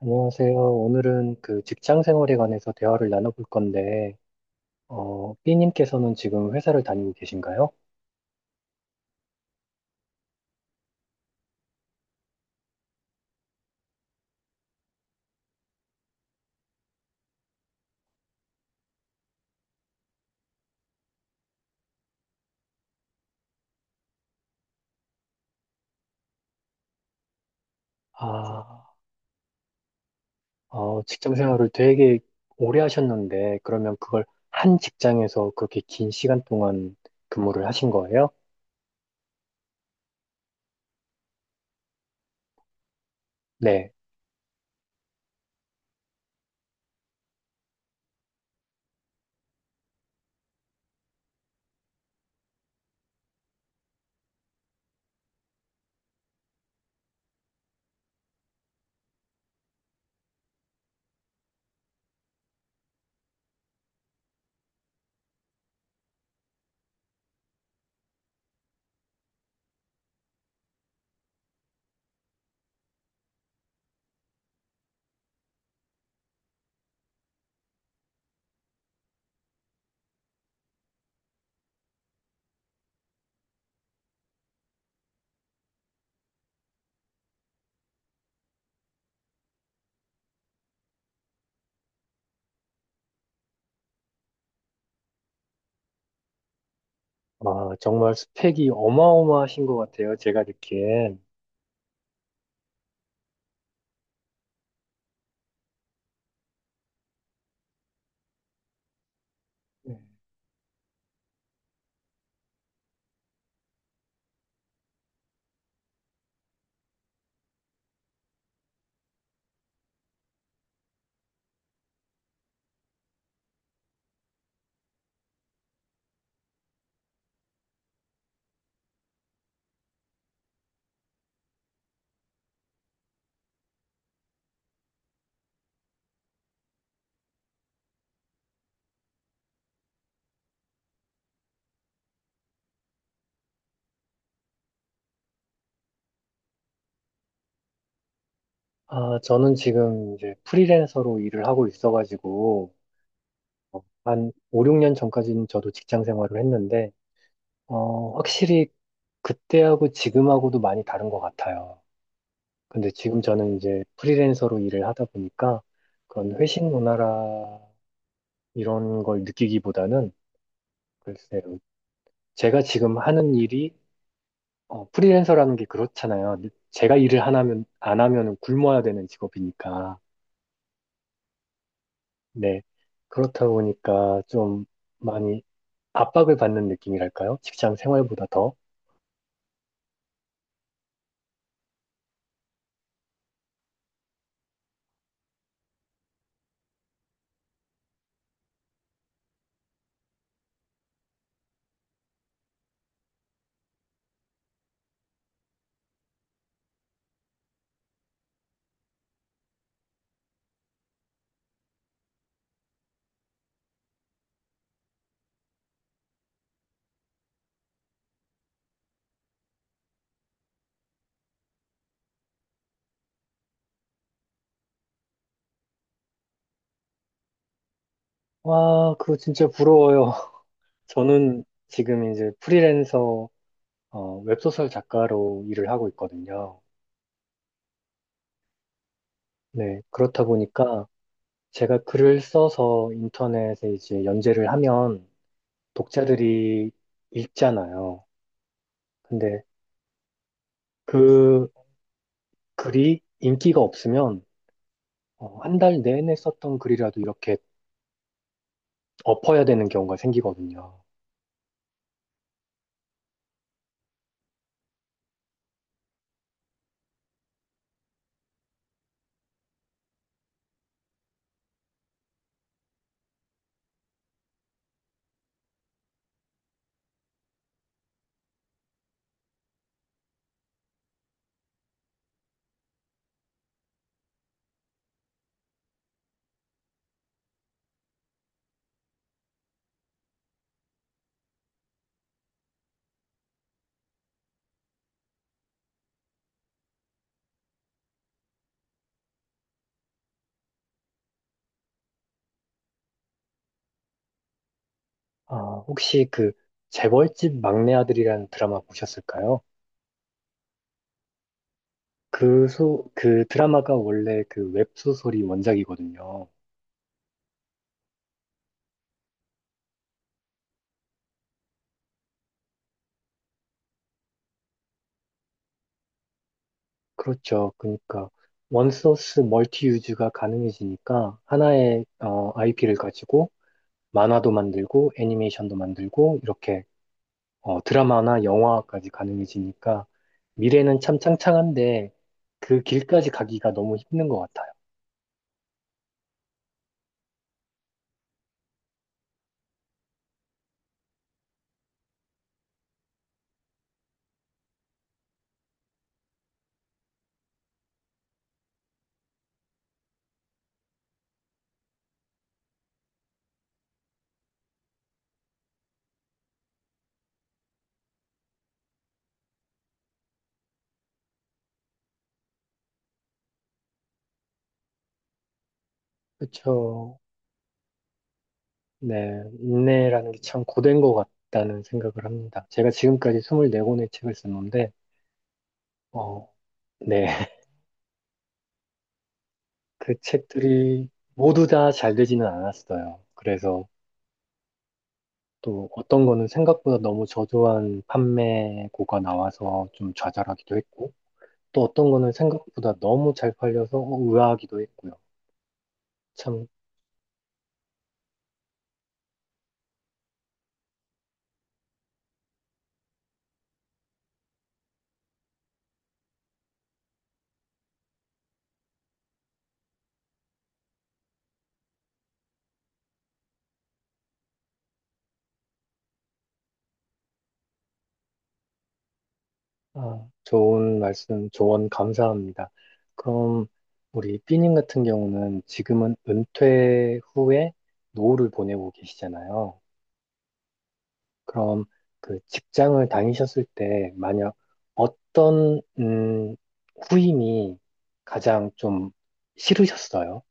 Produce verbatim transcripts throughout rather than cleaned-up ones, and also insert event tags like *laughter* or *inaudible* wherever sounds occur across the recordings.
안녕하세요. 오늘은 그 직장 생활에 관해서 대화를 나눠볼 건데, 어, B님께서는 지금 회사를 다니고 계신가요? 아, 어, 직장 생활을 되게 오래 하셨는데, 그러면 그걸 한 직장에서 그렇게 긴 시간 동안 근무를 하신 거예요? 네. 아, 정말 스펙이 어마어마하신 것 같아요. 제가 느끼엔. 네. 아, 저는 지금 이제 프리랜서로 일을 하고 있어가지고, 어, 한 오, 육 년 전까지는 저도 직장 생활을 했는데, 어, 확실히 그때하고 지금하고도 많이 다른 것 같아요. 근데 지금 저는 이제 프리랜서로 일을 하다 보니까 그런 회식 문화라 이런 걸 느끼기보다는 글쎄요. 제가 지금 하는 일이 어, 프리랜서라는 게 그렇잖아요. 제가 일을 안 하면, 안 하면 굶어야 되는 직업이니까. 네. 그렇다 보니까 좀 많이 압박을 받는 느낌이랄까요? 직장 생활보다 더. 와, 그거 진짜 부러워요. *laughs* 저는 지금 이제 프리랜서 어, 웹소설 작가로 일을 하고 있거든요. 네, 그렇다 보니까 제가 글을 써서 인터넷에 이제 연재를 하면 독자들이 읽잖아요. 근데 그 글이 인기가 없으면 어, 한달 내내 썼던 글이라도 이렇게 엎어야 되는 경우가 생기거든요. 아, 혹시 그 재벌집 막내 아들이라는 드라마 보셨을까요? 그 소, 그 드라마가 원래 그 웹소설이 원작이거든요. 그렇죠. 그러니까 원소스 멀티 유즈가 가능해지니까 하나의 아이피를 가지고 만화도 만들고 애니메이션도 만들고 이렇게 어, 드라마나 영화까지 가능해지니까 미래는 참 창창한데 그 길까지 가기가 너무 힘든 것 같아요. 그렇죠. 네, 인내라는 게 참 고된 것 같다는 생각을 합니다. 제가 지금까지 이십사 권의 책을 썼는데 어, 네, *laughs* 그 책들이 모두 다 잘 되지는 않았어요. 그래서 또 어떤 거는 생각보다 너무 저조한 판매고가 나와서 좀 좌절하기도 했고, 또 어떤 거는 생각보다 너무 잘 팔려서 어, 의아하기도 했고요. 참, 아, 좋은 말씀, 조언 감사합니다. 그럼 우리 삐님 같은 경우는 지금은 은퇴 후에 노후를 보내고 계시잖아요. 그럼 그 직장을 다니셨을 때 만약 어떤, 음, 후임이 가장 좀 싫으셨어요?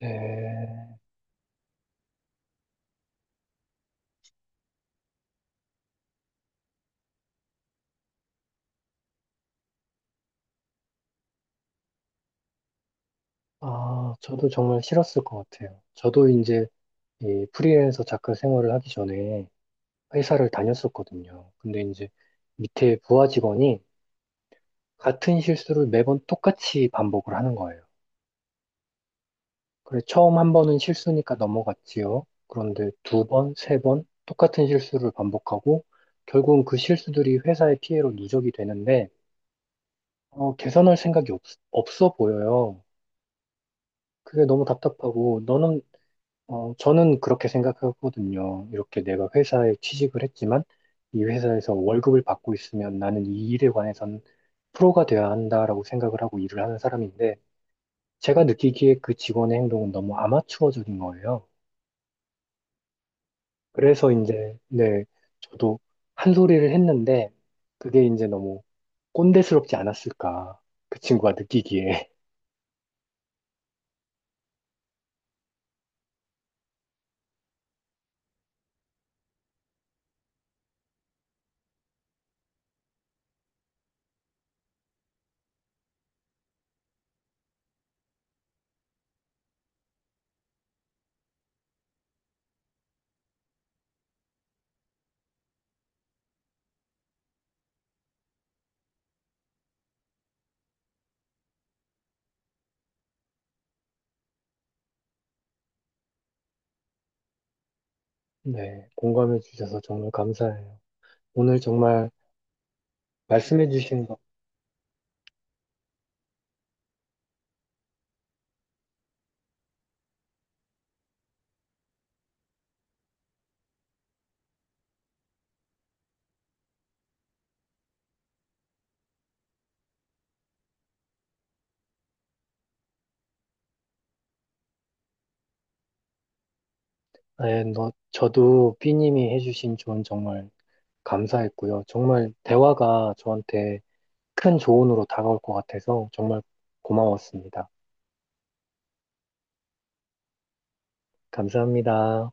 네. 아, 저도 정말 싫었을 것 같아요. 저도 이제 이 프리랜서 작가 생활을 하기 전에 회사를 다녔었거든요. 근데 이제 밑에 부하 직원이 같은 실수를 매번 똑같이 반복을 하는 거예요. 그래, 처음 한 번은 실수니까 넘어갔지요. 그런데 두 번, 세 번 똑같은 실수를 반복하고 결국은 그 실수들이 회사의 피해로 누적이 되는데 어, 개선할 생각이 없, 없어 보여요. 그게 너무 답답하고 너는 어, 저는 그렇게 생각하거든요. 이렇게 내가 회사에 취직을 했지만 이 회사에서 월급을 받고 있으면 나는 이 일에 관해선 프로가 되어야 한다라고 생각을 하고 일을 하는 사람인데 제가 느끼기에 그 직원의 행동은 너무 아마추어적인 거예요. 그래서 이제 네, 저도 한 소리를 했는데 그게 이제 너무 꼰대스럽지 않았을까. 그 친구가 느끼기에. *laughs* 네, 공감해 주셔서 정말 감사해요. 오늘 정말 말씀해 주신 네, 너, 저도 B님이 해주신 조언 정말 감사했고요. 정말 대화가 저한테 큰 조언으로 다가올 것 같아서 정말 고마웠습니다. 감사합니다.